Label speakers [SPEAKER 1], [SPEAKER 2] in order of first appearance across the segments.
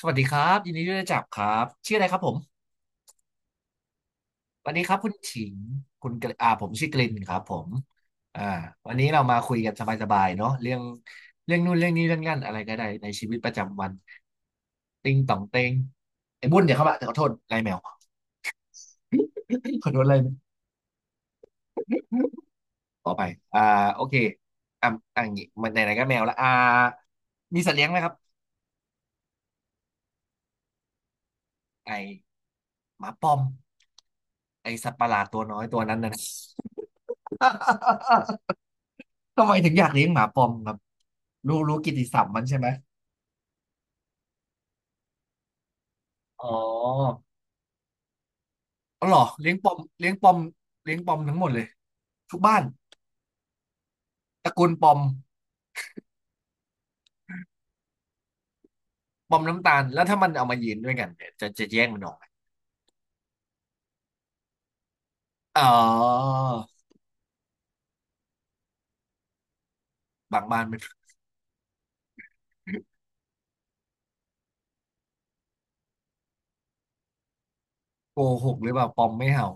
[SPEAKER 1] สวัสดีครับยินดีที่ได้จับครับชื่ออะไรครับผมวันนี้ครับคุณฉิงคุณกระอ่าผมชื่อกลินครับผมอ่าวันนี้เรามาคุยกันสบายๆเนาะเรื่องนู่นเรื่องนี้เรื่องนั่นอะไรก็ได้ในชีวิตประจำวันติงต่องเต็งไอ้บุญเดี๋ยวเข้ามาแต่ขอโทษไล่แมว ขอโทษไล่แมวขอไปอ่าโอเคอ่ะอ่ะอย่างงี้มันไหนๆก็แมวละมีสัตว์เลี้ยงไหมครับไอหมาปอมไอสัตว์ประหลาดตัวน้อยตัวนั้นน่ะ นะ ทำไมถึงอยากเลี้ยงหมาปอมครับรู้กิตติศัพท์มันใช่ไหมอ๋ออ๋อเหรอเลี้ยงปอมเลี้ยงปอมทั้งหมดเลยทุกบ้านตระกูลปอมปอมน้ำตาลแล้วถ้ามันเอามายืนด้วยกันเนี่ยจะแย่งมันออกไหมอ๋อบางบ้านมัน โกหกหรือเปล่าปอมไม่เห่า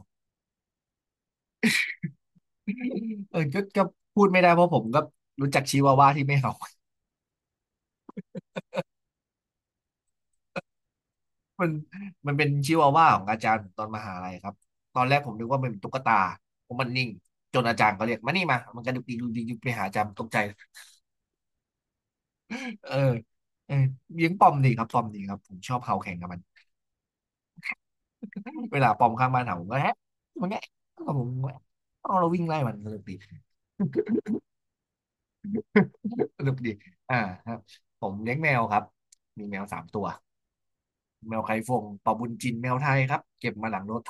[SPEAKER 1] เออก็พูดไม่ได้เพราะผมก็รู้จักชิวาว่าที่ไม่เห่า มันมันเป็นชิวาว่าของอาจารย์ผมตอนมหาลัยครับตอนแรกผมนึกว่ามันเป็นตุ๊กตาผมมันนิ่งจนอาจารย์เขาเรียกมานี่มามันกระดุกดิกดุกดิกดุกไปหาอาจารย์ตกใจเออเออเลี้ยงปอมดีครับปอมดีครับผมชอบเห่าแข่งกับมันเวลาปอมข้างบ้านเห่าผมก็แฮะมันแงะก็ผมกแงะเอาเราวิ่งไล่มันสนุกดีสนุกดีอ่าครับผมเลี้ยงแมวครับมีแมวสามตัวแมวไข่ฟงปอบุญจินแมวไทยครับเก็บมาหลังรถ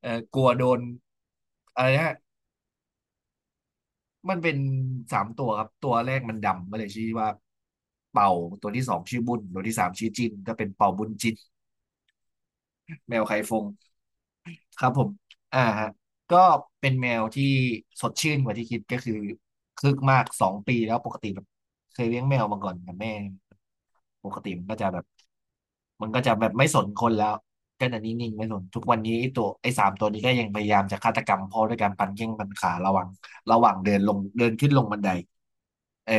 [SPEAKER 1] เออกลัวโดนอะไรนะ มันเป็น3 ตัวครับตัวแรกมันดำมาเลยชื่อว่าเป่าตัวที่สองชื่อบุญตัวที่สามชื่อจินก็เป็นเป่าบุญจินแมวไข่ฟงครับผมอ่าฮะก็เป็นแมวที่สดชื่นกว่าที่คิดก็คือคึกมาก2 ปีแล้วปกติแบบเคยเลี้ยงแมวมาก่อนกับแม่ปกติมันก็จะแบบไม่สนคนแล้วก็จะนิ่งๆไม่สนทุกวันนี้ไอ้สามตัวนี้ก็ยังพยายามจะฆาตกรรมพ่อด้วยการปั่นแข้งปั่นขาระหว่างเดินลงเดินขึ้นลงบันไดเออ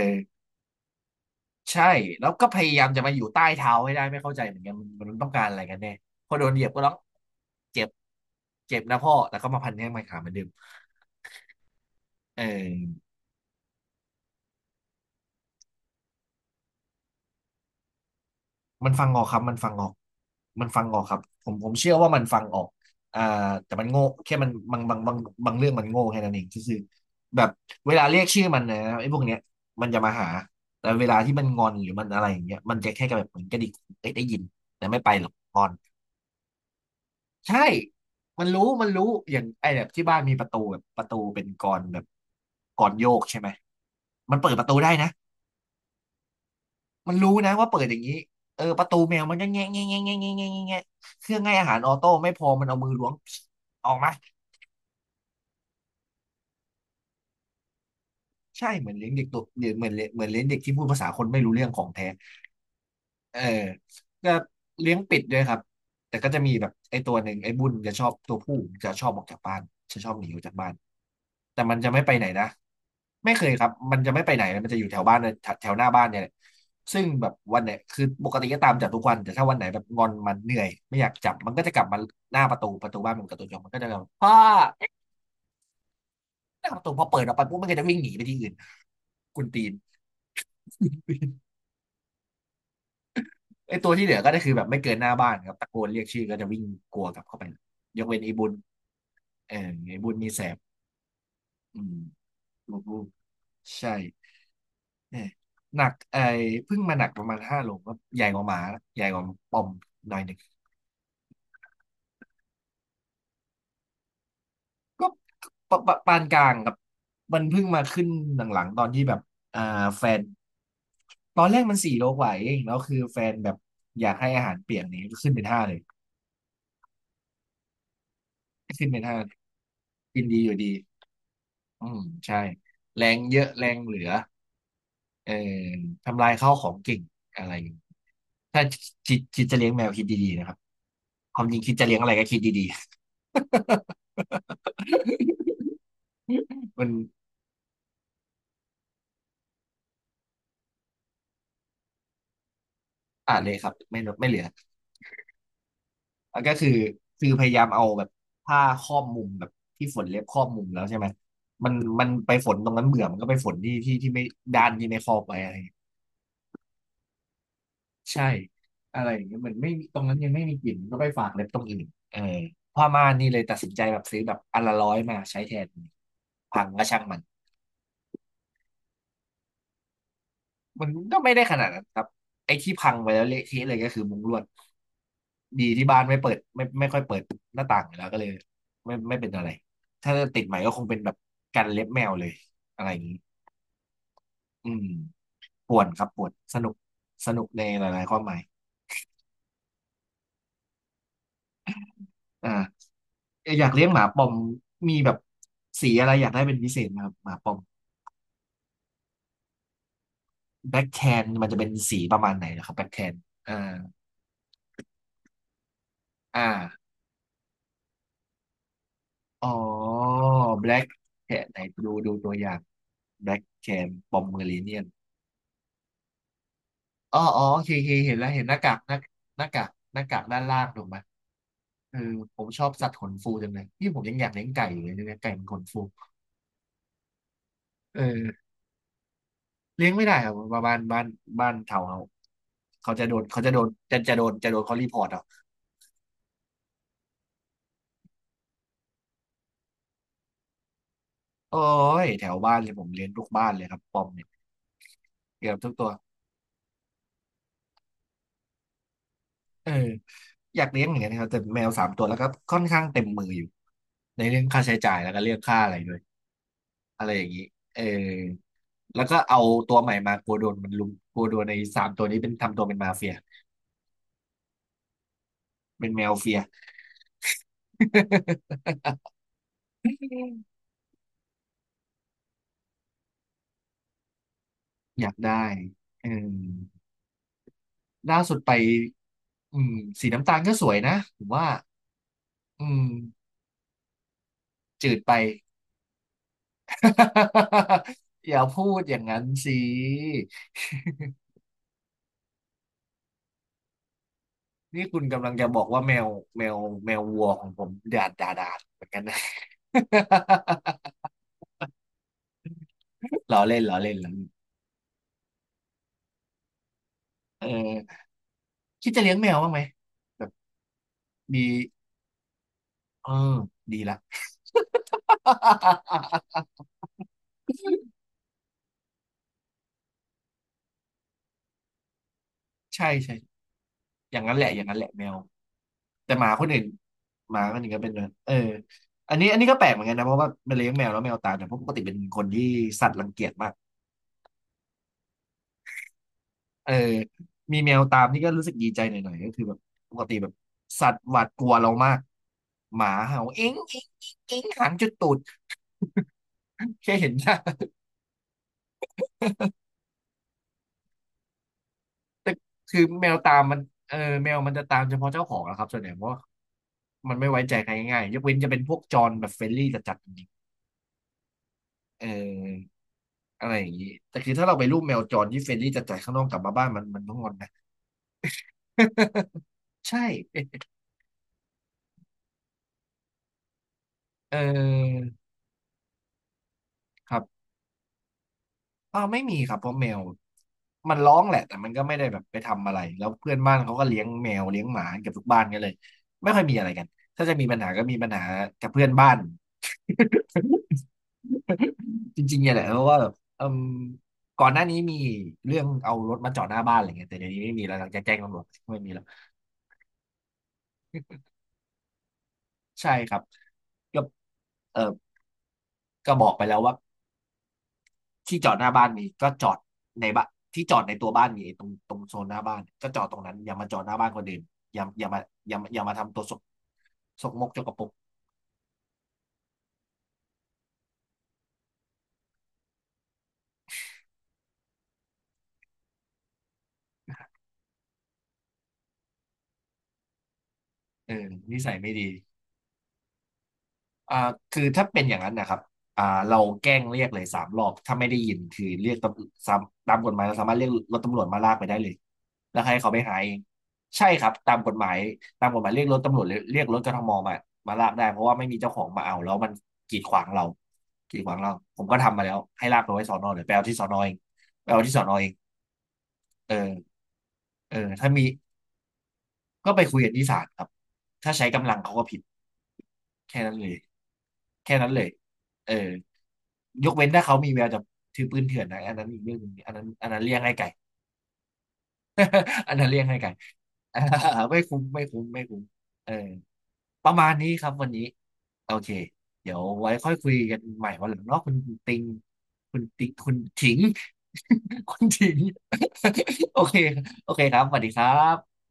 [SPEAKER 1] ใช่แล้วก็พยายามจะมาอยู่ใต้เท้าให้ได้ไม่เข้าใจเหมือนกันมันต้องการอะไรกันแน่พอโดนเหยียบก็ร้องเจ็บเจ็บนะพ่อแต่ก็มาพันแข้งพันขาเหมือนเดิมเออมันฟังออกครับมันฟังออกมันฟังออกครับผมเชื่อว่ามันฟังออกอ่าแต่มันโง่แค่มันบางเรื่องมันโง่แค่นั้นเองก็คือแบบเวลาเรียกชื่อมันนะไอ้พวกเนี้ยมันจะมาหาแต่เวลาที่มันงอนหรือมันอะไรอย่างเงี้ยมันจะแค่แบบเหมือนกระดิกเอ้ยได้ยินแต่ไม่ไปหรอกงอน ใช่ มันรู้ มันรู้ อย่างไอ้แบบที่บ้านมีประตูแบบประตูเป็นกลอนแบบกลอนโยกใช่ไหม มันเปิดประตูได้นะ มันรู้นะว่าเปิดอย่างนี้เออประตูแมวมันก็แงะแงะแงะแงะแงะแงะแงะเครื่องให้อาหารออโต้ไม่พอมันเอามือล้วงออกมา ใช่เหมือนเลี้ยงเด็กตัวเหมือนเลี้ยงเหมือนเลี้ยงเด็กที่พูดภาษาคนไม่รู้เรื่องของแท้เออก็เลี้ยงเป็ดด้วยครับแต่ก็จะมีแบบไอ้ตัวหนึ่งไอ้บุญจะชอบตัวผู้จะชอบออกจากบ้านจะชอบหนีออกจากบ้านแต่มันจะไม่ไปไหนนะไม่เคยครับมันจะไม่ไปไหนเลยมันจะอยู่แถวบ้านเนี่ยแถวแถวหน้าบ้านเนี่ยแหละซึ่งแบบวันเนี่ยคือปกติก็ตามจับทุกวันแต่ถ้าวันไหนแบบงอนมันเหนื่อยไม่อยากจับมันก็จะกลับมาหน้าประตูบ้านมันกับตัวจองมันก็จะแบบพ่อเอ๊ะหน้าประตูพอเปิดออกไปปุ๊บมันก็จะวิ่งหนีไปที่อื่นกุนตีน ไอ้ตัวที่เหลือก็ได้คือแบบไม่เกินหน้าบ้านครับตะโกนเรียกชื่อก็จะวิ่งกลัวกลับเข้าไป ยกเว้นไอ้บุญเออไอ้บุญนี่แสบอืมลูกใช่เนี่ยหนักไอ้เพิ่งมาหนักประมาณ5 โลก็ใหญ่กว่าหมานะใหญ่กว่าปอมหน่อยหนึ่งก็ปานกลางครับมันเพิ่งมาขึ้นหลังๆตอนที่แบบอ่าแฟนตอนแรกมัน4 โลกว่าเองแล้วคือแฟนแบบอยากให้อาหารเปียกนี้ก็ขึ้นเป็นห้าเลยขึ้นเป็นห้ากินดีอยู่ดีอืมใช่แรงเยอะแรงเหลือ เอ่อทำลายข้าวของเก่งอะไรถ้าคิดจะเลี้ยงแมวคิดดีๆนะครับความจริงคิดจะเลี้ยงอะไรก็คิดดีๆ มันอ่านเลยครับไม่ลดไม่เหลือแล้วก็คือพยายามเอาแบบผ้าครอบมุมแบบที่ฝนเล็บครอบมุมแล้วใช่ไหมมันมันไปฝนตรงนั้นเบื่อมันก็ไปฝนที่ที่ไม่ด้านที่ไม่ครอบไว้อะไรอย่างเงี้ยใช่อะไรอย่างเงี้ยเหมือนไม่มีตรงนั้นยังไม่มีกลิ่นก็ไปฝากเล็บตรงอื่นเออผ้าม่านนี่เลยตัดสินใจแบบซื้อแบบอันละร้อยมาใช้แทนพังก็ช่างมัน มันก็ไม่ได้ขนาดนั้นครับไอ้ที่พังไปแล้วเละเทะเลยก็คือมุ้งลวดดีที่บ้านไม่เปิดไม่ค่อยเปิดหน้าต่างอยู่แล้วก็เลยไม่เป็นอะไรถ้าติดใหม่ก็คงเป็นแบบกันเล็บแมวเลยอะไรอย่างนี้อืมป่วนครับป่วนสนุกสนุกในหลายๆความหมายอ่าอยากเลี้ยงหมาปอมมีแบบสีอะไรอยากได้เป็นพิเศษไหมครับหมาปอมแบล็กแคนมันจะเป็นสีประมาณไหนนะครับแบล็กแคนอ่าอ่า อ๋อ Black Cat ไหนดูดูตัวอย่าง Black Cat Pomeranian อ๋อโอเคเห็นแล้วเห็นหน้ากากหน้าหน้ากากหน้ากากด้านล่างถูกไหมเออผมชอบสัตว์ขนฟูจังเลยนี่ผมยังอยากเลี้ยงไก่อยู่เลยเนี่ยไก่มันขนฟูเออเลี้ยงไม่ได้ครับบ้านบ้านแถวเขาเขาจะโดนเขาจะโดนจะจะโดนจะโดนเขารีพอร์ตเอาโอ้ยแถวบ้านเลยผมเลี้ยงทุกบ้านเลยครับปอมเนี่ยเกือบทุกตัว เอออยากเลี้ยงเหมือนกันนะครับแต่แมวสามตัวแล้วก็ค่อนข้างเต็มมืออยู่ในเรื่องค่าใช้จ่ายแล้วก็เรื่องค่าอะไรด้วยอะไรอย่างนี้เออแล้วก็เอาตัวใหม่มากลัวโดนมันลุมกลัวโดนในสามตัวนี้เป็นทำตัวเป็นมาเฟียเป็นแมวเฟีย อยากได้เออล่าสุดไปอืมสีน้ำตาลก็สวยนะผมว่าอืมจืดไป อย่าพูดอย่างนั้นสิ นี่คุณกำลังจะบอกว่าแมวแมววัวของผมดาดดาดาดเหมือนกันนะ ล้อเล่นล้อเล่นเออคิดจะเลี้ยงแมวบ้างไหมแบบมีเออดีละ ใช่ใช่อย่างนั้นแหละอย่างนั้นแหละแมวแต่หมาคนอื่นหมาคนอื่นก็เป็นเนอะเอออันนี้ก็แปลกเหมือนกันนะเพราะว่ามันเลี้ยงแมวแล้วแมวตายแต่เพราะปกติเป็นคนที่สัตว์รังเกียจมาก เออมีแมวตามนี่ก็รู้สึกดีใจหน่อยๆก็คือแบบปกติแบบสัตว์หวาดกลัวเรามากหมาเห่าเอ็งเอ็งเอ็งเอ็งหนจุดตูดแค่เห็นหน้าคือแมวตามมันเออแมวมันจะตามเฉพาะเจ้าของนะครับส่วนใหญ่เพราะว่ามันไม่ไว้ใจใครง่ายๆยกเว้นจะเป็นพวกจรแบบเฟรนลี่จัดๆจริงๆเอออะไรอย่างนี้แต่คือถ้าเราไปรูปแมวจรที่เฟรนลี่จัดๆข้างนอกกลับมาบ้านมันต้องงอนนะ ใช่เออครับ เอ้าไม่มีครับเพราะแมวมันร้องแหละแต่มันก็ไม่ได้แบบไปทำอะไรแล้วเพื่อนบ้านเขาก็เลี้ยงแมวเลี้ยงหมาเกือบทุกบ้านกันเลยไม่ค่อยมีอะไรกันถ้าจะมีปัญหาก็มีปัญหากับเพื่อนบ้านจริงๆเนี่ยแหละเพราะว่าแบบเอิมก่อนหน้านี้มีเรื่องเอารถมาจอดหน้าบ้านอะไรเงี้ยแต่เดี๋ยวนี้ไม่มีแล้วหลังจากแจ้งตำรวจไม่มีแล้วใช่ครับก็เออก็บอกไปแล้วว่า ที่จอดหน้าบ้านมีก็จอดในบ้านที่จอดในตัวบ้านมี้ตรงโซนหน้าบ้านก็จอดตรงนั้นอย่ามาจอดหน้าบ้านคนอื่นอย่าอย่ามาอย่ามาอย่ามาทำตัวสกมกจกกระปุกเออนิสัยไม่ดี อ่าคือถ้าเป็นอย่างนั้นนะครับอ่าเราแกล้งเรียกเลยสามรอบถ้าไม่ได้ยินคือเรียกตามตามกฎหมายเราสามารถเรียกรถตำรวจมาลากไปได้เลยแล้วให้เขาไปหาเองใช่ครับตามกฎหมายตามกฎหมายเรียกรถตำรวจหรือเรียกรถกทมมามาลากได้เพราะว่าไม่มีเจ้าของมาเอาแล้วมันกีดขวางเรากีดขวางเราผมก็ทำมาแล้วให้ลากไปไว้สอนอเดี๋ยวไปเอาที่สอนอเองไปเอาที่สอนอเองเออเออถ้ามีก็ไปคุยกันที่ศาลครับถ้าใช้กำลังเขาก็ผิด แค่นั้นเลยแค่นั้นเลยเออยกเว้นถ้าเขามีแววจะถือปืนเถื่อนนะอันนั้นอีกเรื่องหนึงอันนั้นเลี่ยงให้ไก่ อันนั้นเลี่ยงให้ไก่อ่า ไม่คุ้มไม่คุ้มเออประมาณนี้ครับวันนี้โอเคเดี๋ยวไว้ค่อยคุยกันใหม่วันหลังเนาะคุณติงคุณถิง คุณถิง โอเคโอเคครับสวัสดีครับ